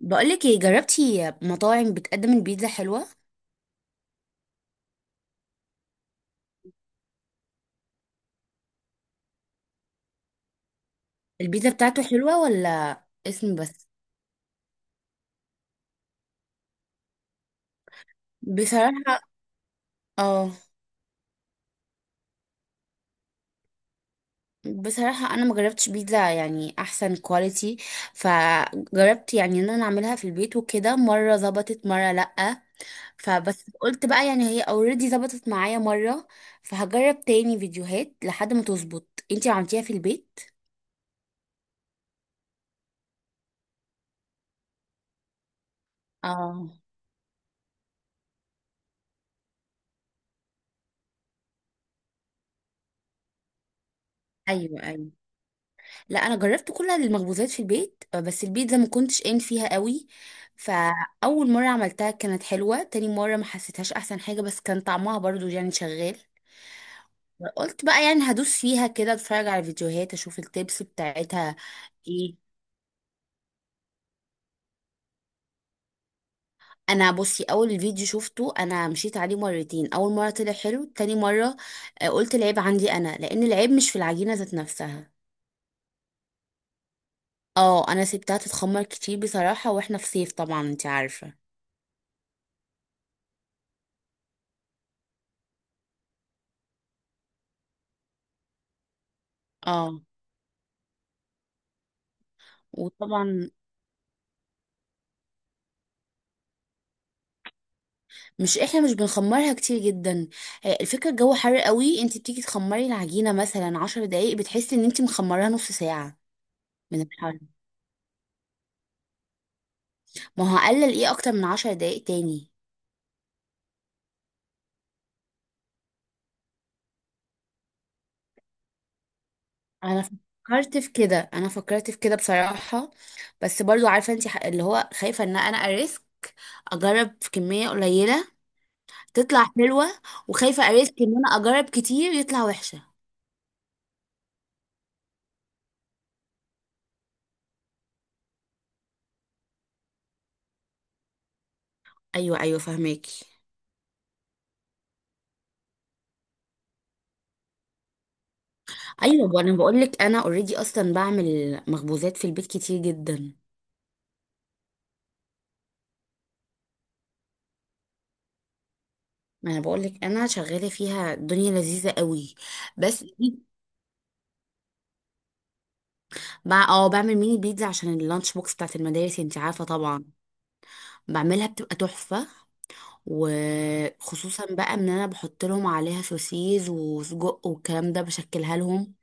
بقولك ايه، جربتي مطاعم بتقدم البيتزا حلوة؟ البيتزا بتاعته حلوة ولا اسم بس؟ بصراحة. اه. بصراحة انا ما جربتش بيتزا يعني احسن كواليتي. فجربت يعني ان انا اعملها في البيت وكده، مرة ظبطت مرة لأ. فبس قلت بقى يعني هي اوريدي ظبطت معايا مرة. فهجرب تاني فيديوهات لحد ما تظبط. انتي عملتيها في البيت؟ اه. ايوه، ايوه. لا، انا جربت كل المخبوزات في البيت، بس البيتزا ما كنتش قايم فيها قوي. فاول مره عملتها كانت حلوه، تاني مره ما حسيتهاش احسن حاجه، بس كان طعمها برضو يعني شغال. قلت بقى يعني هدوس فيها كده، اتفرج على فيديوهات، اشوف التيبس بتاعتها. ايه. انا بصي، اول فيديو شفته انا مشيت عليه مرتين. اول مره طلع حلو، تاني مره قلت العيب عندي انا، لان العيب مش في العجينه ذات نفسها. اه، انا سبتها تتخمر كتير بصراحه، واحنا في صيف طبعا انت عارفه. اه. وطبعا مش احنا، مش بنخمرها كتير جدا. الفكرة الجو حر قوي، انت بتيجي تخمري العجينة مثلا 10 دقايق بتحسي ان انت مخمراها نص ساعة. من الحر. ما هو هقلل ايه اكتر من 10 دقايق تاني؟ انا فكرت في كده، انا فكرت في كده بصراحة. بس برضو عارفة انت اللي هو خايفة ان انا اريسك. اجرب في كمية قليلة تطلع حلوة، وخايفة اريسك ان انا اجرب كتير يطلع وحشة. ايوه، ايوه، فهماكي. ايوه، انا بقول لك انا اوريدي اصلا بعمل مخبوزات في البيت كتير جدا. ما انا بقول لك، انا شغاله فيها، الدنيا لذيذه قوي. بس دي بقى، بعمل ميني بيتزا عشان اللانش بوكس بتاعت المدارس انت عارفه طبعا. بعملها بتبقى تحفه. وخصوصا بقى ان انا بحط لهم عليها سوسيز وسجق والكلام ده، بشكلها لهم.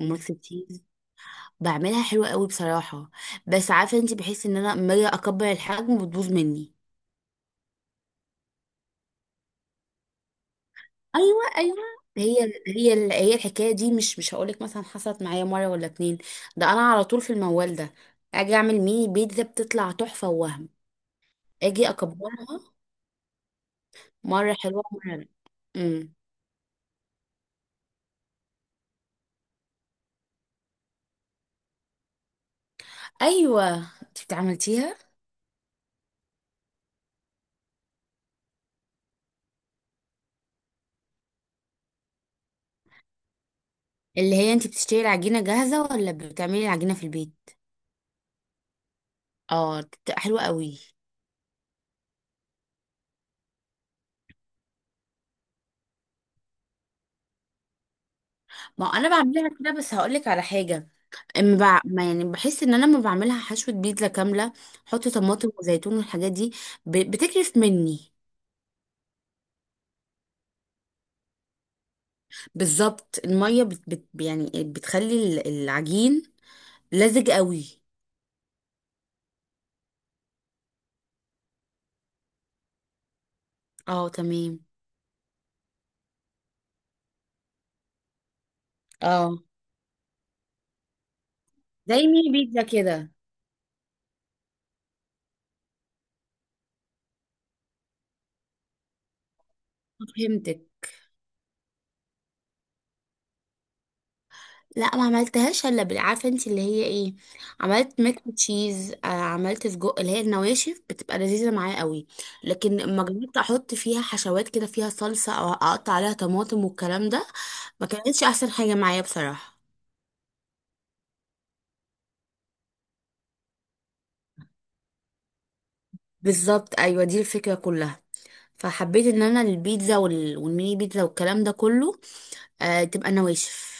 وميكس تشيز. بعملها حلوه قوي بصراحه. بس عارفه انت، بحس ان انا لما اجي اكبر الحجم بتبوظ مني. ايوه، ايوه. هي هي الحكايه دي مش هقولك مثلا حصلت معايا مره ولا اتنين. ده انا على طول في الموال ده. اجي اعمل ميني بيتزا بتطلع تحفه ووهم. اجي اكبرها. مره حلوه مره لأ. امم. ايوه، انت بتعملتيها؟ اللي هي انت بتشتري العجينه جاهزه ولا بتعملي العجينه في البيت؟ اه، بتبقى حلوه قوي. ما انا بعملها كده، بس هقولك على حاجه. ما يعني بحس ان انا لما بعملها حشوه بيتزا كامله. احط طماطم وزيتون والحاجات دي. بتكرف مني. بالظبط المية بت يعني بتخلي العجين لزج قوي. اه، تمام. اه. زي ميني بيتزا كده. فهمتك. لا، ما عملتهاش الا عارفه انت اللي هي ايه. عملت ميك تشيز، عملت سجق. اللي هي النواشف بتبقى لذيذه معايا قوي. لكن اما جربت احط فيها حشوات كده، فيها صلصه او اقطع عليها طماطم والكلام ده، ما كانتش احسن حاجه معايا بصراحه. بالظبط، ايوه، دي الفكرة كلها. فحبيت ان انا البيتزا والميني بيتزا والكلام ده كله تبقى نواشف.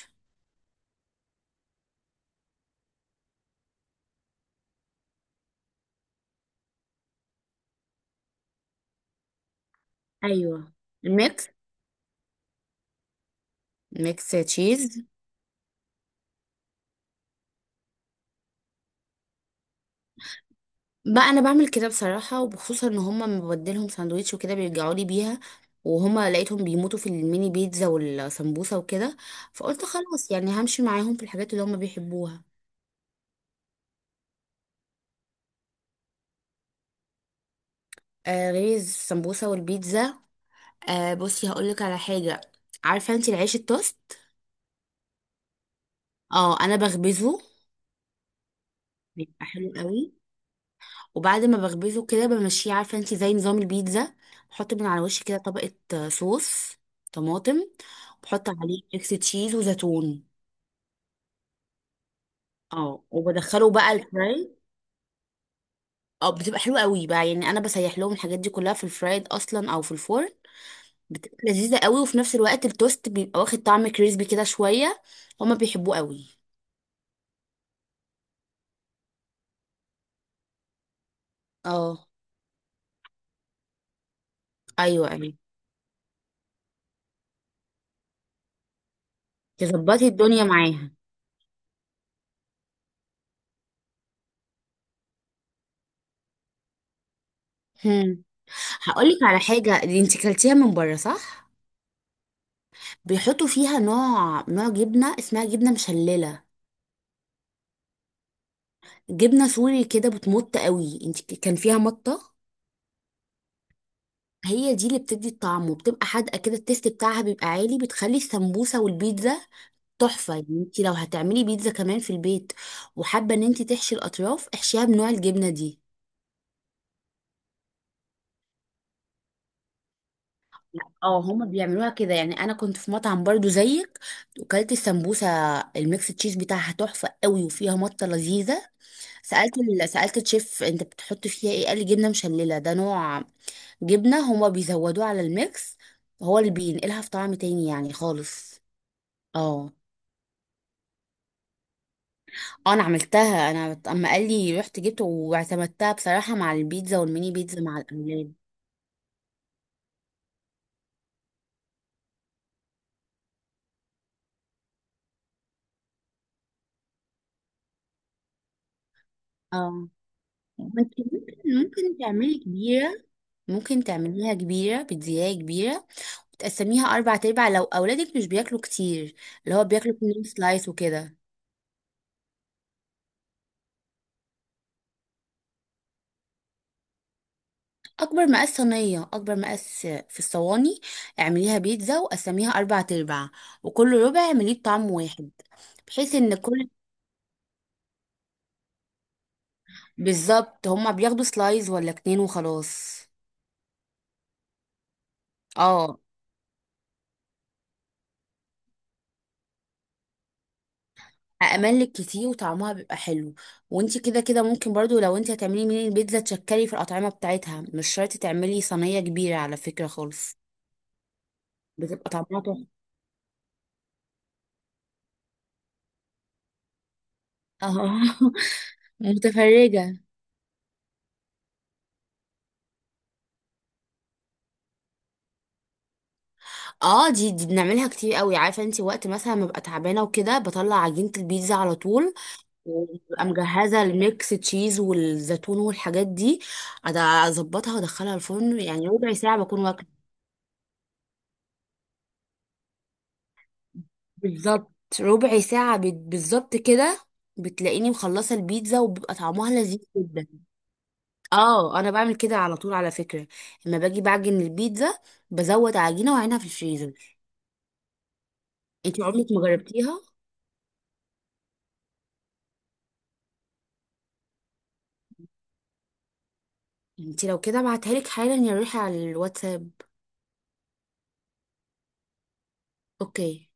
ايوه. ميكس ميكس تشيز. بقى انا بعمل كده بصراحه، وبخصوصا ان هما لما ببدلهم ساندوتش وكده بيرجعوا لي بيها. وهما لقيتهم بيموتوا في الميني بيتزا والسمبوسه وكده. فقلت خلاص، يعني همشي معاهم في الحاجات اللي هما بيحبوها. غير السمبوسه والبيتزا. بصي هقول لك على حاجه. عارفه انت العيش التوست؟ اه، انا بخبزه. بيبقى حلو قوي. وبعد ما بخبزه كده بمشيه، عارفه انت، زي نظام البيتزا. بحط من على وشي كده طبقه صوص طماطم. بحط عليه ميكس تشيز وزيتون. اه، وبدخله بقى الفراي. اه، بتبقى حلوه قوي بقى، يعني انا بسيح لهم الحاجات دي كلها في الفرايد اصلا او في الفرن. بتبقى لذيذه قوي، وفي نفس الوقت التوست بيبقى واخد طعم كريسبي كده شويه. هما بيحبوه قوي. اه، ايوه، ايوه، تظبطي الدنيا معاها. هم. هقولك على حاجه. دي انت كلتيها من بره، صح؟ بيحطوا فيها نوع جبنة اسمها جبنة مشللة. جبنة سوري كده بتمط قوي، انت كان فيها مطة. هي دي اللي بتدي الطعم وبتبقى حادقة كده، التيست بتاعها بيبقى عالي، بتخلي السمبوسة والبيتزا تحفة. يعني انت لو هتعملي بيتزا كمان في البيت وحابة ان انت تحشي الأطراف، احشيها بنوع الجبنة دي. اه، هما بيعملوها كده. يعني انا كنت في مطعم برضو زيك. وكلت السمبوسة. الميكس تشيز بتاعها تحفة قوي، وفيها مطة لذيذة. سألت سألت الشيف، انت بتحط فيها ايه؟ قال لي جبنة مشللة، ده نوع جبنة هما بيزودوه على الميكس. هو اللي بينقلها في طعم تاني يعني خالص. اه. انا عملتها. انا اما قال لي رحت جبت واعتمدتها بصراحة، مع البيتزا والميني بيتزا مع الأولاد. اه. ما انت ممكن تعملي كبيرة. ممكن تعمليها كبيرة، بتزياية كبيرة. تقسميها أربع أرباع، لو أولادك مش بياكلوا كتير. اللي هو بياكلوا 2 سلايس وكده. اكبر مقاس صينيه، اكبر مقاس في الصواني. اعمليها بيتزا وقسميها اربع ارباع. وكل ربع اعمليه بطعم واحد. بحيث ان كل. بالظبط، هما بياخدوا سلايز ولا اتنين وخلاص. اه. املك كتير وطعمها بيبقى حلو. وانتي كده كده ممكن برضو، لو انتي هتعملي من البيتزا تشكلي في الاطعمه بتاعتها، مش شرط تعملي صينيه كبيره على فكره خالص. بتبقى طعمها تحفه. اه. متفرجه. اه، دي بنعملها كتير قوي. عارفه انت وقت مثلا ما ببقى تعبانه وكده، بطلع عجينه البيتزا على طول. وببقى مجهزه الميكس تشيز والزيتون والحاجات دي. أد- اظبطها وادخلها الفرن، يعني ربع ساعه بكون واكله. بالظبط. ربع ساعه بالظبط كده. بتلاقيني مخلصه البيتزا، وبيبقى طعمها لذيذ جدا. اه، انا بعمل كده على طول على فكره. لما باجي بعجن البيتزا، بزود عجينه واعينها في الفريزر. انت عمرك ما جربتيها؟ انت لو كده ابعتها لك حالا يا روحي على الواتساب. اوكي.